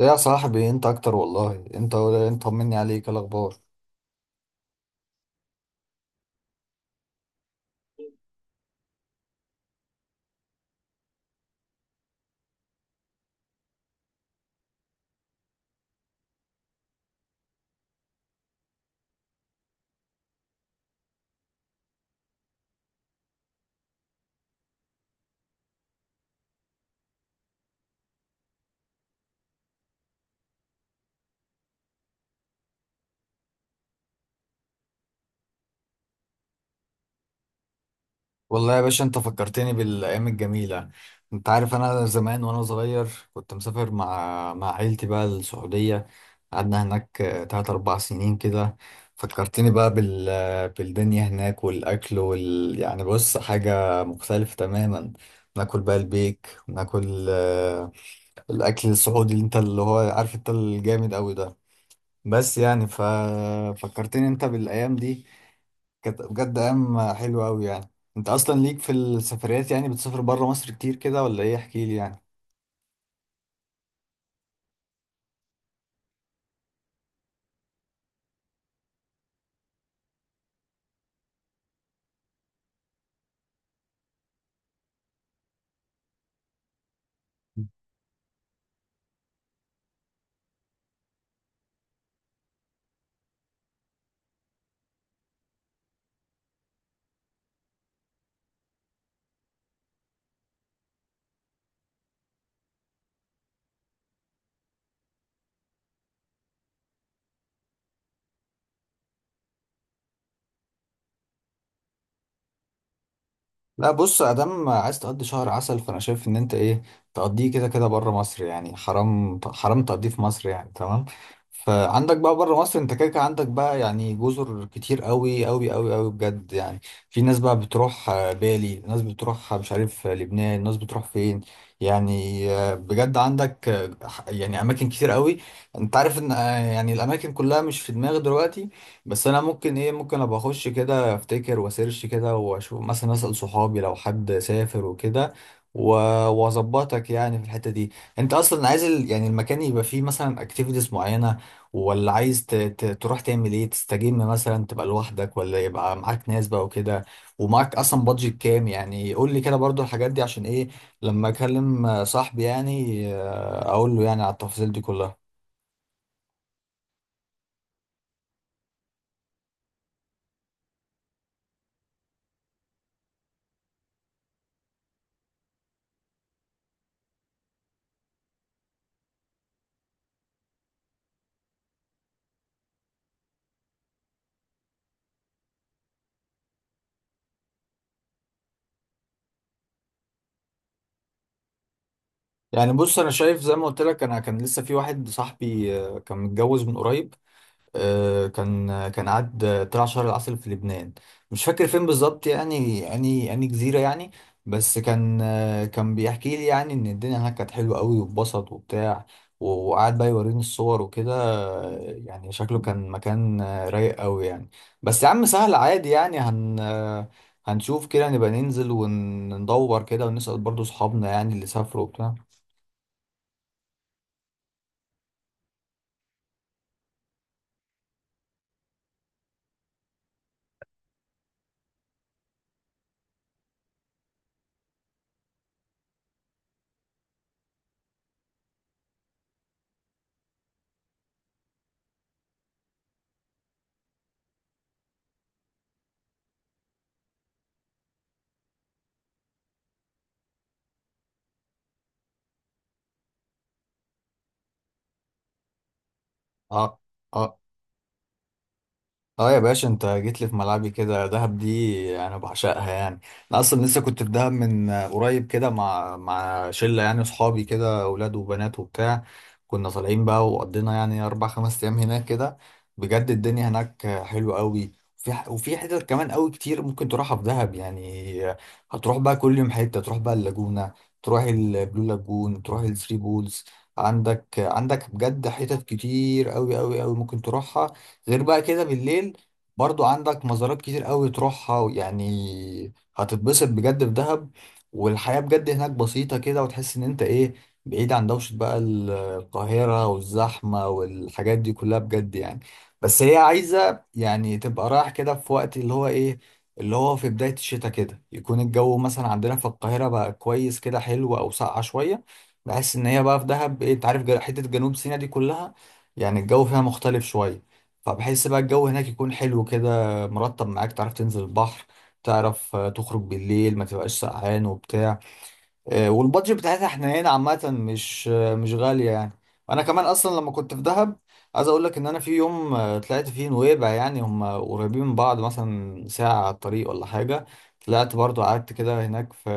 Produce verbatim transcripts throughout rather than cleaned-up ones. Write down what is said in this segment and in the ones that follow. إيه يا صاحبي، انت اكتر والله. انت انت طمني عليك، إيه الاخبار؟ والله يا باشا انت فكرتني بالايام الجميله. انت عارف انا زمان وانا صغير كنت مسافر مع مع عيلتي بقى السعوديه. قعدنا هناك آه، تلات اربع سنين كده. فكرتني بقى بال آه، بالدنيا هناك والاكل وال يعني، بص، حاجه مختلفه تماما. ناكل بقى البيك وناكل آه، الاكل السعودي اللي انت اللي هو عارف انت الجامد قوي ده. بس يعني ففكرتني انت بالايام دي، كانت بجد ايام حلوه قوي يعني. انت اصلا ليك في السفريات يعني، بتسافر بره مصر كتير كده ولا ايه؟ احكي لي يعني. لا بص، ادام عايز تقضي شهر عسل، فانا شايف ان انت ايه، تقضيه كده كده بره مصر. يعني حرام حرام تقضيه في مصر يعني، تمام؟ فعندك بقى بره مصر انت كده كده عندك بقى يعني جزر كتير قوي قوي قوي قوي بجد يعني. في ناس بقى بتروح آه، بالي، ناس بتروح آه، مش عارف، آه، لبنان، ناس بتروح فين. يعني آه، بجد عندك آه، ح- يعني اماكن كتير قوي. انت عارف ان آه، يعني الاماكن كلها مش في دماغي دلوقتي، بس انا ممكن ايه، ممكن ابقى اخش كده افتكر واسيرش كده واشوف، مثلا اسال صحابي لو حد سافر وكده و- واظبطك يعني في الحته دي. انت اصلا عايز ال... يعني المكان يبقى فيه مثلا اكتيفيتيز معينه، ولا عايز ت... ت... تروح تعمل ايه، تستجم مثلا، تبقى لوحدك ولا يبقى معاك ناس بقى وكده؟ ومعاك اصلا بادجت كام؟ يعني قول لي كده برضو الحاجات دي، عشان ايه؟ لما اكلم آه، صاحبي يعني آه، اقول له يعني على التفاصيل دي كلها. يعني بص، انا شايف زي ما قلت لك، انا كان لسه في واحد صاحبي آه، كان متجوز من قريب، آه، كان كان قعد آه، طلع شهر العسل في لبنان. مش فاكر فين بالظبط، يعني يعني يعني جزيرة يعني. بس كان آه، كان بيحكي لي يعني ان الدنيا هناك كانت حلوة قوي واتبسط وبتاع و- وقعد بقى يوريني الصور وكده. آه، يعني شكله كان مكان آه، رايق قوي يعني. بس يا عم سهل عادي يعني، هن آه، هنشوف كده، نبقى ننزل وندور كده ونسأل برضو صحابنا يعني اللي سافروا وبتاع. اه. اه. اه يا باشا، انت جيت لي في ملعبي كده. دهب دي انا بعشقها يعني. انا اصلا لسه كنت في دهب من قريب كده مع مع شله يعني اصحابي كده، اولاد وبنات وبتاع. كنا طالعين بقى وقضينا يعني اربع خمس ايام هناك كده. بجد الدنيا هناك حلوه قوي. وفي ح- وفي حتت كمان قوي كتير ممكن تروحها في دهب يعني. هتروح بقى كل يوم حته، تروح بقى اللاجونه، تروح البلو لاجون، تروح الثري بولز. عندك عندك بجد حتت كتير قوي قوي قوي ممكن تروحها. غير بقى كده بالليل برضو عندك مزارات كتير قوي تروحها. يعني هتتبسط بجد في دهب. والحياة بجد هناك بسيطة كده، وتحس ان انت ايه، بعيد عن دوشة بقى ال- القاهرة والزحمة والحاجات دي كلها بجد يعني. بس هي عايزة يعني تبقى رايح كده في وقت اللي هو ايه، اللي هو في بداية الشتاء كده، يكون الجو مثلا عندنا في القاهرة بقى كويس كده، حلو او ساقعة شوية. بحس ان هي بقى في دهب ايه، انت عارف جا- حتة جنوب سيناء دي كلها يعني الجو فيها مختلف شوية. فبحس بقى الجو هناك يكون حلو كده، مرطب، معاك. تعرف تنزل البحر، تعرف آه، تخرج بالليل، ما تبقاش سقعان وبتاع. آه، والبادجت بتاعتها حنينه عامه، مش آه، مش غاليه يعني. انا كمان اصلا لما كنت في دهب، عايز اقول لك ان انا في يوم آه، طلعت فيه نويبع. يعني هم قريبين من بعض، مثلا ساعه على الطريق ولا حاجه. طلعت برضو، قعدت كده هناك في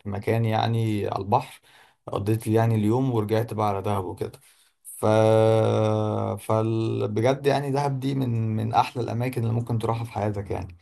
في مكان يعني على البحر. قضيت لي يعني اليوم ورجعت بقى على دهب وكده. ف فال... بجد يعني دهب دي من من احلى الاماكن اللي ممكن تروحها في حياتك يعني.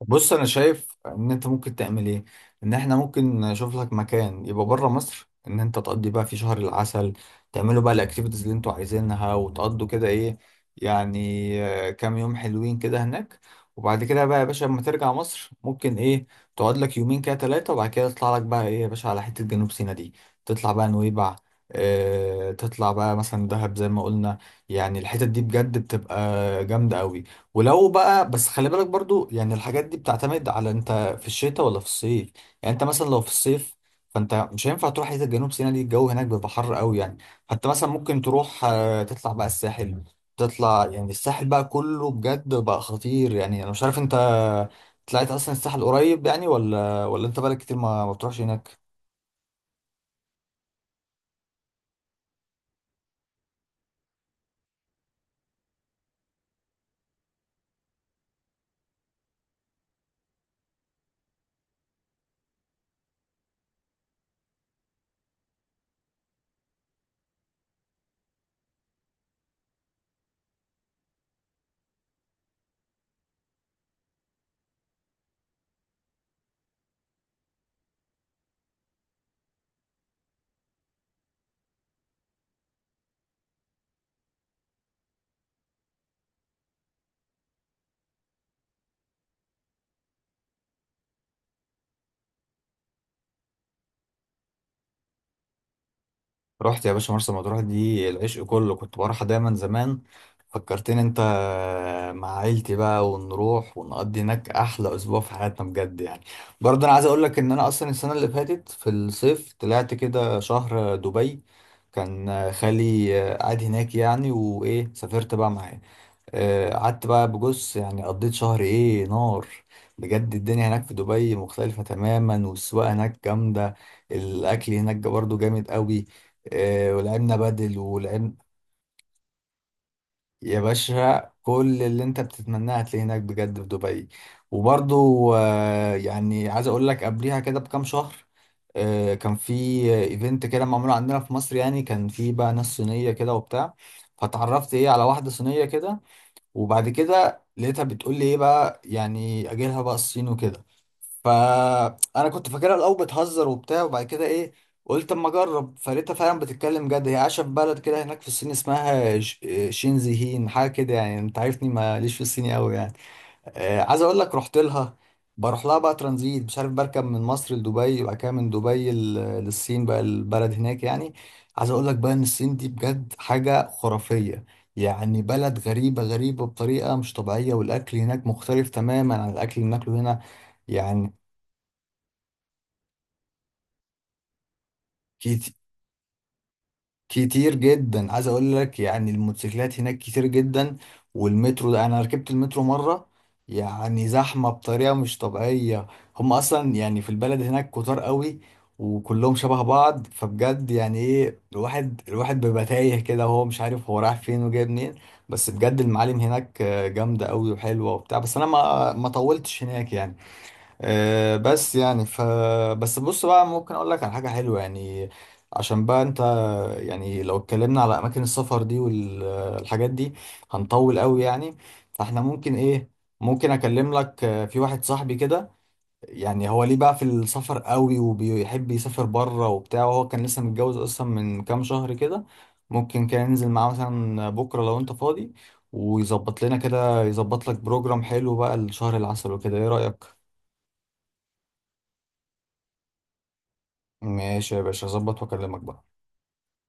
بص انا شايف ان انت ممكن تعمل ايه، ان احنا ممكن نشوف لك مكان يبقى بره مصر، ان انت تقضي بقى في شهر العسل، تعملوا بقى الاكتيفيتيز اللي انتوا عايزينها، وتقضوا كده ايه يعني آه، كام يوم حلوين كده هناك. وبعد كده بقى يا باشا لما ترجع مصر، ممكن ايه، تقعد لك يومين كده ثلاثة، وبعد كده تطلع لك بقى ايه يا باشا على حتة جنوب سيناء دي. تطلع بقى نويبع، اه تطلع بقى مثلا دهب زي ما قلنا. يعني الحتت دي بجد بتبقى جامدة قوي. ولو بقى بس خلي بالك برضو، يعني الحاجات دي بتعتمد على انت في الشتاء ولا في الصيف. يعني انت مثلا لو في الصيف، فانت مش هينفع تروح حته جنوب سيناء دي، الجو هناك بيبقى حر قوي يعني. فانت مثلا ممكن تروح آه، تطلع بقى الساحل. تطلع يعني الساحل بقى كله بجد بقى خطير يعني. انا مش عارف انت طلعت اصلا الساحل قريب يعني، ولا ولا انت بقالك كتير ما ما بتروحش هناك؟ رحت يا باشا مرسى مطروح دي العشق كله، كنت بروحها دايما زمان. فكرتني انت، مع عيلتي بقى، ونروح ونقضي هناك احلى اسبوع في حياتنا بجد يعني. برضه انا عايز اقول لك ان انا اصلا السنه اللي فاتت في الصيف طلعت كده شهر دبي. كان خالي قاعد هناك يعني، وايه، سافرت بقى معاه. آه، قعدت بقى بجص، يعني قضيت شهر ايه، نار. بجد الدنيا هناك في دبي مختلفة تماما، والسواقة هناك جامدة، الأكل هناك برضو جامد قوي. آه، ولعبنا بدل ولعبنا. يا باشا كل اللي انت بتتمناه هتلاقيه هناك بجد في دبي. وبرضو آه، يعني عايز اقول لك قبليها كده بكام شهر، آه، كان في ايفنت كده معمول عندنا في مصر، يعني كان في بقى ناس صينية كده وبتاع. فتعرفت ايه على واحدة صينية كده، وبعد كده لقيتها بتقول لي ايه بقى، يعني اجيلها بقى الصين وكده. فانا كنت فاكرها الاول بتهزر وبتاع، وبعد كده ايه، قلت اما اجرب، فلقيتها فعلا بتتكلم جد. هي عايشه في بلد كده هناك في الصين اسمها ش- شينزيهين حاجه كده. يعني انت عارفني ماليش في الصيني قوي يعني. آه، عايز اقول لك رحت لها. بروح لها بقى ترانزيت، مش عارف، بركب من مصر لدبي، وبعد كده من دبي ل- للصين بقى البلد هناك يعني. عايز اقول لك بقى ان الصين دي بجد حاجة خرافية. يعني بلد غريبة غريبة بطريقة مش طبيعية، والاكل هناك مختلف تماما عن الاكل اللي بناكله هنا. يعني كتير جدا، عايز اقول لك يعني الموتوسيكلات هناك كتير جدا. والمترو ده، انا ركبت المترو مره، يعني زحمه بطريقه مش طبيعيه. هم اصلا يعني في البلد هناك كتار قوي، وكلهم شبه بعض. فبجد يعني ايه، الواحد الواحد بيبقى تايه كده وهو مش عارف هو رايح فين وجاي منين. بس بجد المعالم هناك آه، جامده قوي وحلوه وبتاع. بس انا ما ما طولتش هناك يعني. آه، بس يعني ف بس بص بقى، ممكن اقول لك على حاجه حلوه يعني. عشان بقى انت، يعني لو اتكلمنا على اماكن السفر دي والحاجات دي هنطول قوي يعني. فاحنا ممكن ايه، ممكن اكلم لك آه، في واحد صاحبي كده، يعني هو ليه بقى في السفر قوي وبيحب يسافر بره وبتاع، وهو كان لسه متجوز اصلا من كام شهر كده. ممكن كان ينزل معاه مثلا بكره لو انت فاضي، ويظبط لنا كده، يظبط لك بروجرام حلو بقى لشهر العسل وكده، ايه رايك؟ ماشي يا باشا، هظبط واكلمك بقى.